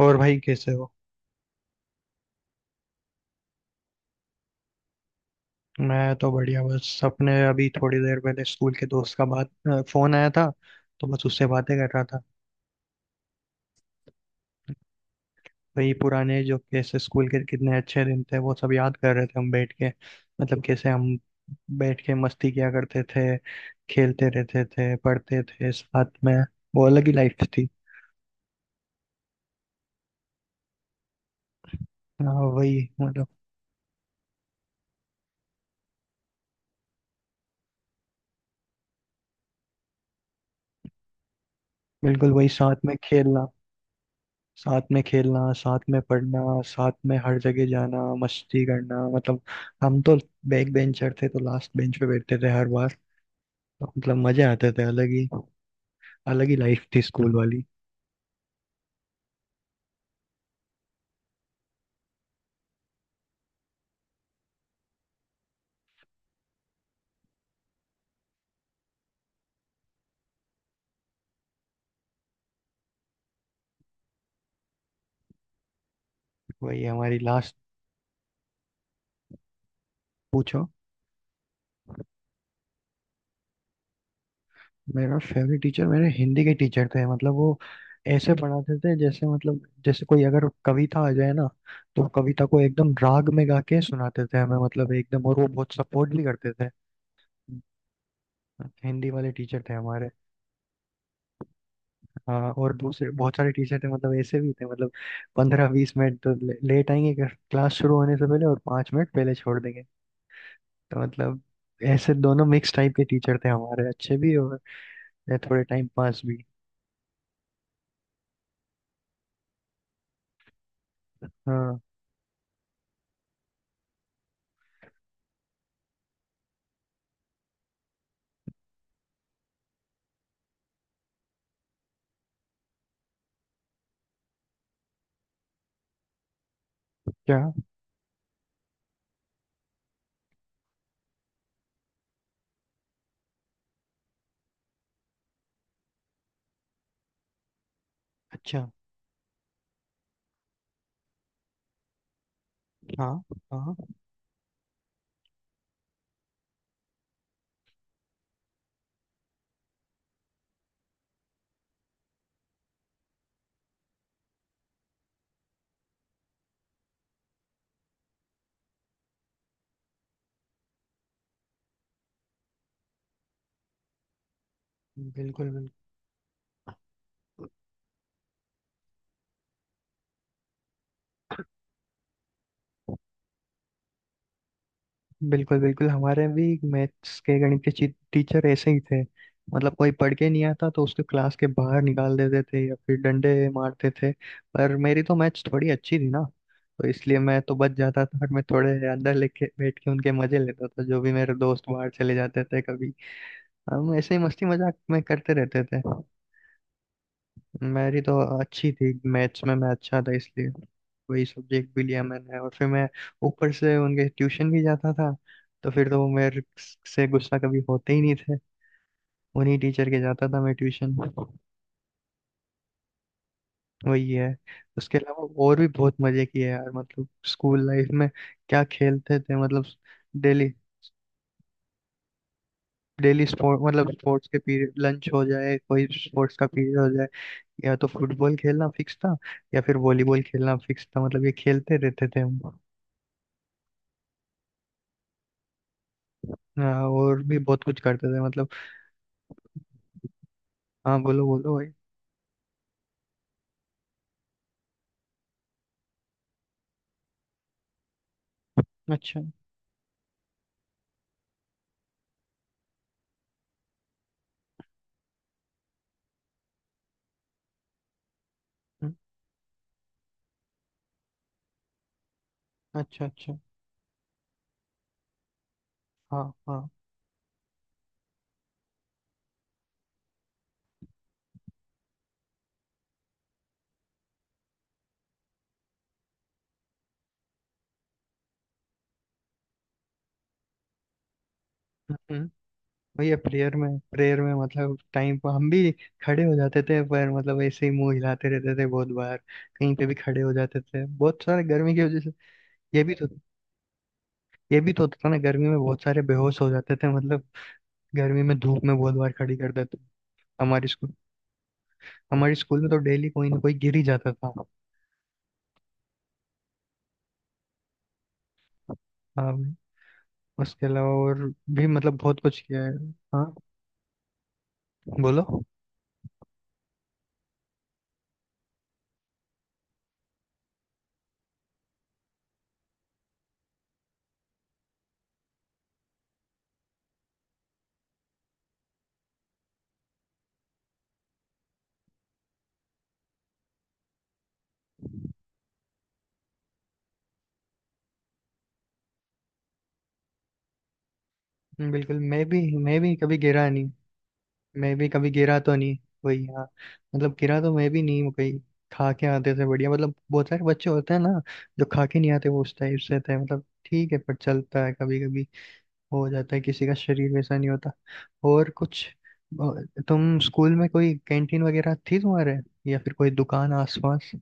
और भाई कैसे हो? मैं तो बढ़िया। बस अपने अभी थोड़ी देर पहले स्कूल के दोस्त का बात फोन आया था, तो बस उससे बातें कर रहा था। वही पुराने, जो कैसे स्कूल के कितने अच्छे दिन थे वो सब याद कर रहे थे हम बैठ के। मतलब कैसे हम बैठ के मस्ती किया करते थे, खेलते रहते थे, पढ़ते थे साथ में। वो अलग ही लाइफ थी। हाँ, वही मतलब। बिल्कुल, वही साथ में खेलना, साथ में पढ़ना, साथ में हर जगह जाना, मस्ती करना। मतलब हम तो बैक बेंचर थे, तो लास्ट बेंच पे बैठते थे हर बार। तो मतलब मजे आते थे अलग ही। अलग ही लाइफ थी स्कूल वाली। वही हमारी लास्ट। पूछो। मेरा फेवरेट टीचर, मेरे हिंदी के टीचर थे। मतलब वो ऐसे पढ़ाते थे, जैसे मतलब जैसे कोई अगर कविता आ जाए ना, तो कविता को एकदम राग में गा के सुनाते थे हमें, मतलब एकदम। और वो बहुत सपोर्ट भी करते थे। हिंदी वाले टीचर थे हमारे। हाँ, और दूसरे बहुत सारे टीचर थे, मतलब ऐसे भी थे मतलब पंद्रह बीस मिनट तो लेट आएंगे क्लास शुरू होने से पहले, और पाँच मिनट पहले छोड़ देंगे। तो मतलब ऐसे दोनों मिक्स टाइप के टीचर थे हमारे, अच्छे भी और थोड़े टाइम पास भी। हाँ। क्या? अच्छा। हाँ। हाँ। बिल्कुल, बिल्कुल, बिल्कुल, बिल्कुल। हमारे भी मैथ्स के, गणित के टीचर ऐसे ही थे। मतलब कोई पढ़ के नहीं आता तो उसको क्लास के बाहर निकाल देते थे या फिर डंडे मारते थे। पर मेरी तो मैथ्स थोड़ी अच्छी थी ना, तो इसलिए मैं तो बच जाता था, और मैं थोड़े अंदर लेके बैठ के उनके मजे लेता था, जो भी मेरे दोस्त बाहर चले जाते थे कभी। हम ऐसे ही मस्ती मजाक में करते रहते थे। मेरी तो अच्छी थी मैथ्स में, मैं अच्छा था, इसलिए वही सब्जेक्ट भी लिया मैंने। और फिर मैं ऊपर से उनके ट्यूशन भी जाता था, तो फिर तो वो मेरे से गुस्सा कभी होते ही नहीं थे। उन्हीं टीचर के जाता था मैं ट्यूशन। वही है। उसके अलावा और भी बहुत मजे किए यार, मतलब स्कूल लाइफ में। क्या खेलते थे मतलब, डेली, डेली स्पोर्ट। मतलब स्पोर्ट्स के पीरियड, लंच हो जाए, कोई स्पोर्ट्स का पीरियड हो जाए, या तो फुटबॉल खेलना फिक्स था, या फिर वॉलीबॉल खेलना फिक्स था। मतलब ये खेलते रहते थे हम। हाँ, और भी बहुत कुछ करते थे मतलब। हाँ, बोलो बोलो भाई। अच्छा। हम्म, अच्छा, अच्छा। हाँ, हाँ। हम्म, भैया, प्रेयर में मतलब टाइम पर हम भी खड़े हो जाते थे, पर मतलब ऐसे ही मुंह हिलाते रहते थे बहुत बार। कहीं पे भी खड़े हो जाते थे बहुत सारे गर्मी की वजह से। ये भी तो ये भी तो होता था ना, गर्मी में बहुत सारे बेहोश हो जाते थे मतलब। गर्मी में धूप में बहुत बार खड़ी कर देते। हमारे स्कूल हमारे स्कूल में तो डेली कोई ना कोई गिर ही जाता था। हाँ भाई, उसके अलावा और भी मतलब बहुत कुछ किया है। हाँ, बोलो। बिल्कुल। मैं भी कभी गिरा नहीं। मैं भी कभी गिरा तो नहीं। वही, हाँ। मतलब गिरा तो मैं भी नहीं हूँ कहीं। खा के आते थे बढ़िया, मतलब बहुत सारे बच्चे होते हैं ना जो खा के नहीं आते, वो उस टाइप से थे। मतलब ठीक है, पर चलता है कभी कभी, हो जाता है, किसी का शरीर वैसा नहीं होता। और कुछ तुम स्कूल में कोई कैंटीन वगैरह थी तुम्हारे, या फिर कोई दुकान आसपास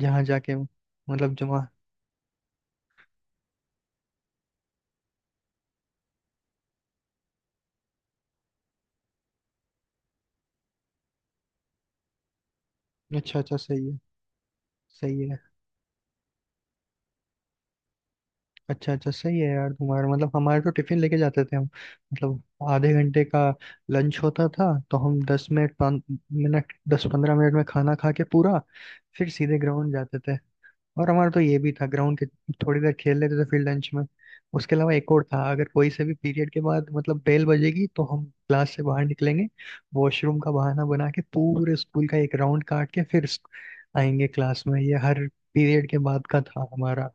जहाँ जाके मतलब जमा? अच्छा, अच्छा, सही है, सही है। अच्छा, अच्छा, सही है यार तुम्हारा। मतलब हमारे तो टिफिन लेके जाते थे हम। मतलब आधे घंटे का लंच होता था, तो हम दस मिनट, पाँच मिनट, दस पंद्रह मिनट में खाना खा के पूरा फिर सीधे ग्राउंड जाते थे। और हमारा तो ये भी था, ग्राउंड के थोड़ी देर खेल लेते थे फिर लंच में। उसके अलावा एक और था, अगर कोई से भी पीरियड के बाद, मतलब बेल बजेगी तो हम क्लास से बाहर निकलेंगे, वॉशरूम का बहाना बना के पूरे स्कूल का एक राउंड काट के फिर आएंगे क्लास में। ये हर पीरियड के बाद का था हमारा।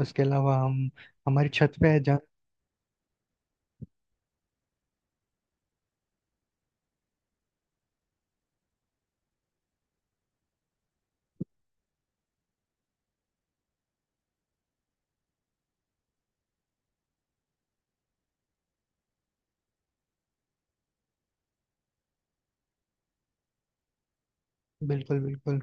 उसके अलावा हम, हमारी छत पे है जा। बिल्कुल, बिल्कुल।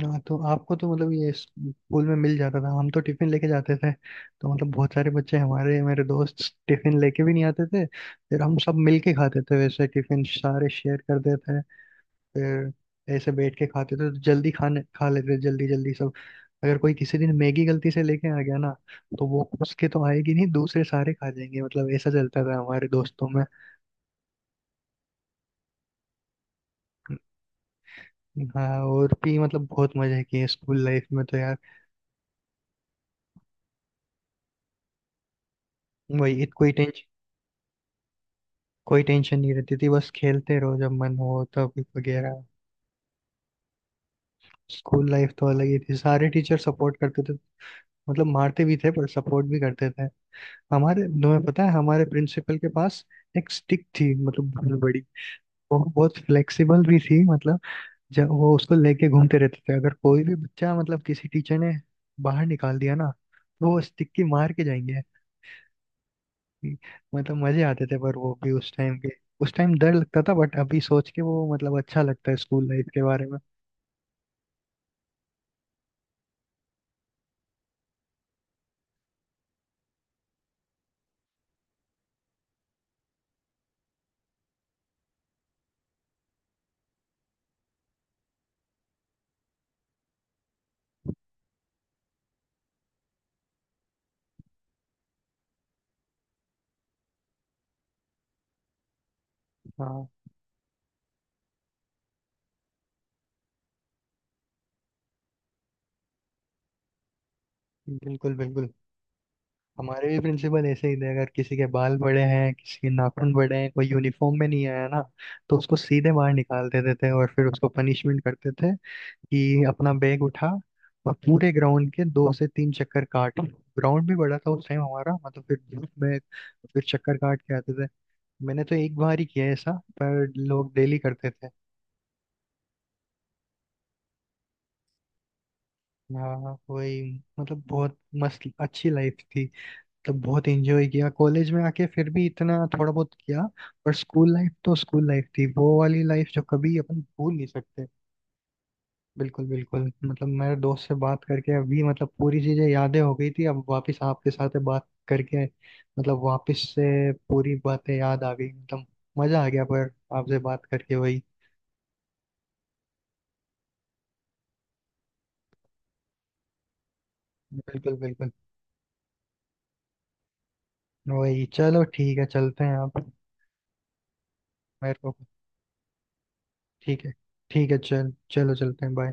हाँ, तो आपको तो मतलब ये स्कूल में मिल जाता था, हम तो टिफिन लेके जाते थे। तो मतलब बहुत सारे बच्चे हमारे, मेरे दोस्त टिफिन लेके भी नहीं आते थे, फिर हम सब मिल के खाते थे। वैसे टिफिन सारे शेयर करते थे, फिर ऐसे बैठ के खाते थे तो जल्दी खाने खा लेते थे जल्दी जल्दी सब। अगर कोई किसी दिन मैगी गलती से लेके आ गया ना, तो वो उसके तो आएगी नहीं, दूसरे सारे खा जाएंगे। मतलब ऐसा चलता था हमारे दोस्तों में। हाँ, और भी मतलब बहुत मजे किए स्कूल लाइफ में तो यार। वही कोई टेंशन, कोई टेंशन नहीं रहती थी, बस खेलते रहो जब मन हो तब, वगैरह। स्कूल लाइफ तो अलग ही थी, सारे टीचर सपोर्ट करते थे। मतलब मारते भी थे, पर सपोर्ट भी करते थे। हमारे, तुम्हें पता है हमारे प्रिंसिपल के पास एक स्टिक थी, मतलब बहुत बड़ी। वो बहुत फ्लेक्सिबल भी थी मतलब। जब वो उसको लेके घूमते रहते थे, अगर कोई भी बच्चा, मतलब किसी टीचर ने बाहर निकाल दिया ना, तो वो स्टिक की मार के जाएंगे। थी। मतलब मजे आते थे पर, वो भी उस टाइम के। उस टाइम डर लगता था, बट अभी सोच के वो मतलब अच्छा लगता है स्कूल लाइफ के बारे में। हाँ, बिल्कुल, बिल्कुल। हमारे भी प्रिंसिपल ऐसे ही थे। अगर किसी के बाल बड़े हैं, किसी के नाखून बड़े हैं, कोई यूनिफॉर्म में नहीं आया ना, तो उसको सीधे बाहर निकाल देते थे, और फिर उसको पनिशमेंट करते थे कि अपना बैग उठा और पूरे ग्राउंड के दो से तीन चक्कर काट। ग्राउंड भी बड़ा था उस टाइम हमारा, मतलब फिर धूप में फिर चक्कर काट के आते थे। मैंने तो एक बार ही किया है ऐसा, पर लोग डेली करते थे। हाँ, वही। मतलब बहुत मस्त अच्छी लाइफ थी, तो बहुत एंजॉय किया। कॉलेज में आके फिर भी इतना थोड़ा बहुत किया, पर स्कूल लाइफ तो स्कूल लाइफ थी। वो वाली लाइफ जो कभी अपन भूल नहीं सकते। बिल्कुल, बिल्कुल। मतलब मेरे दोस्त से बात करके अभी मतलब पूरी चीजें, यादें हो गई थी, अब वापस आपके साथ बात करके मतलब वापस से पूरी बातें याद आ गई। मतलब मजा आ गया पर आपसे बात करके, वही। बिल्कुल, बिल्कुल। वही, चलो ठीक है, चलते हैं आप। मेरे को ठीक है, ठीक है, चल चलो चलते हैं, बाय।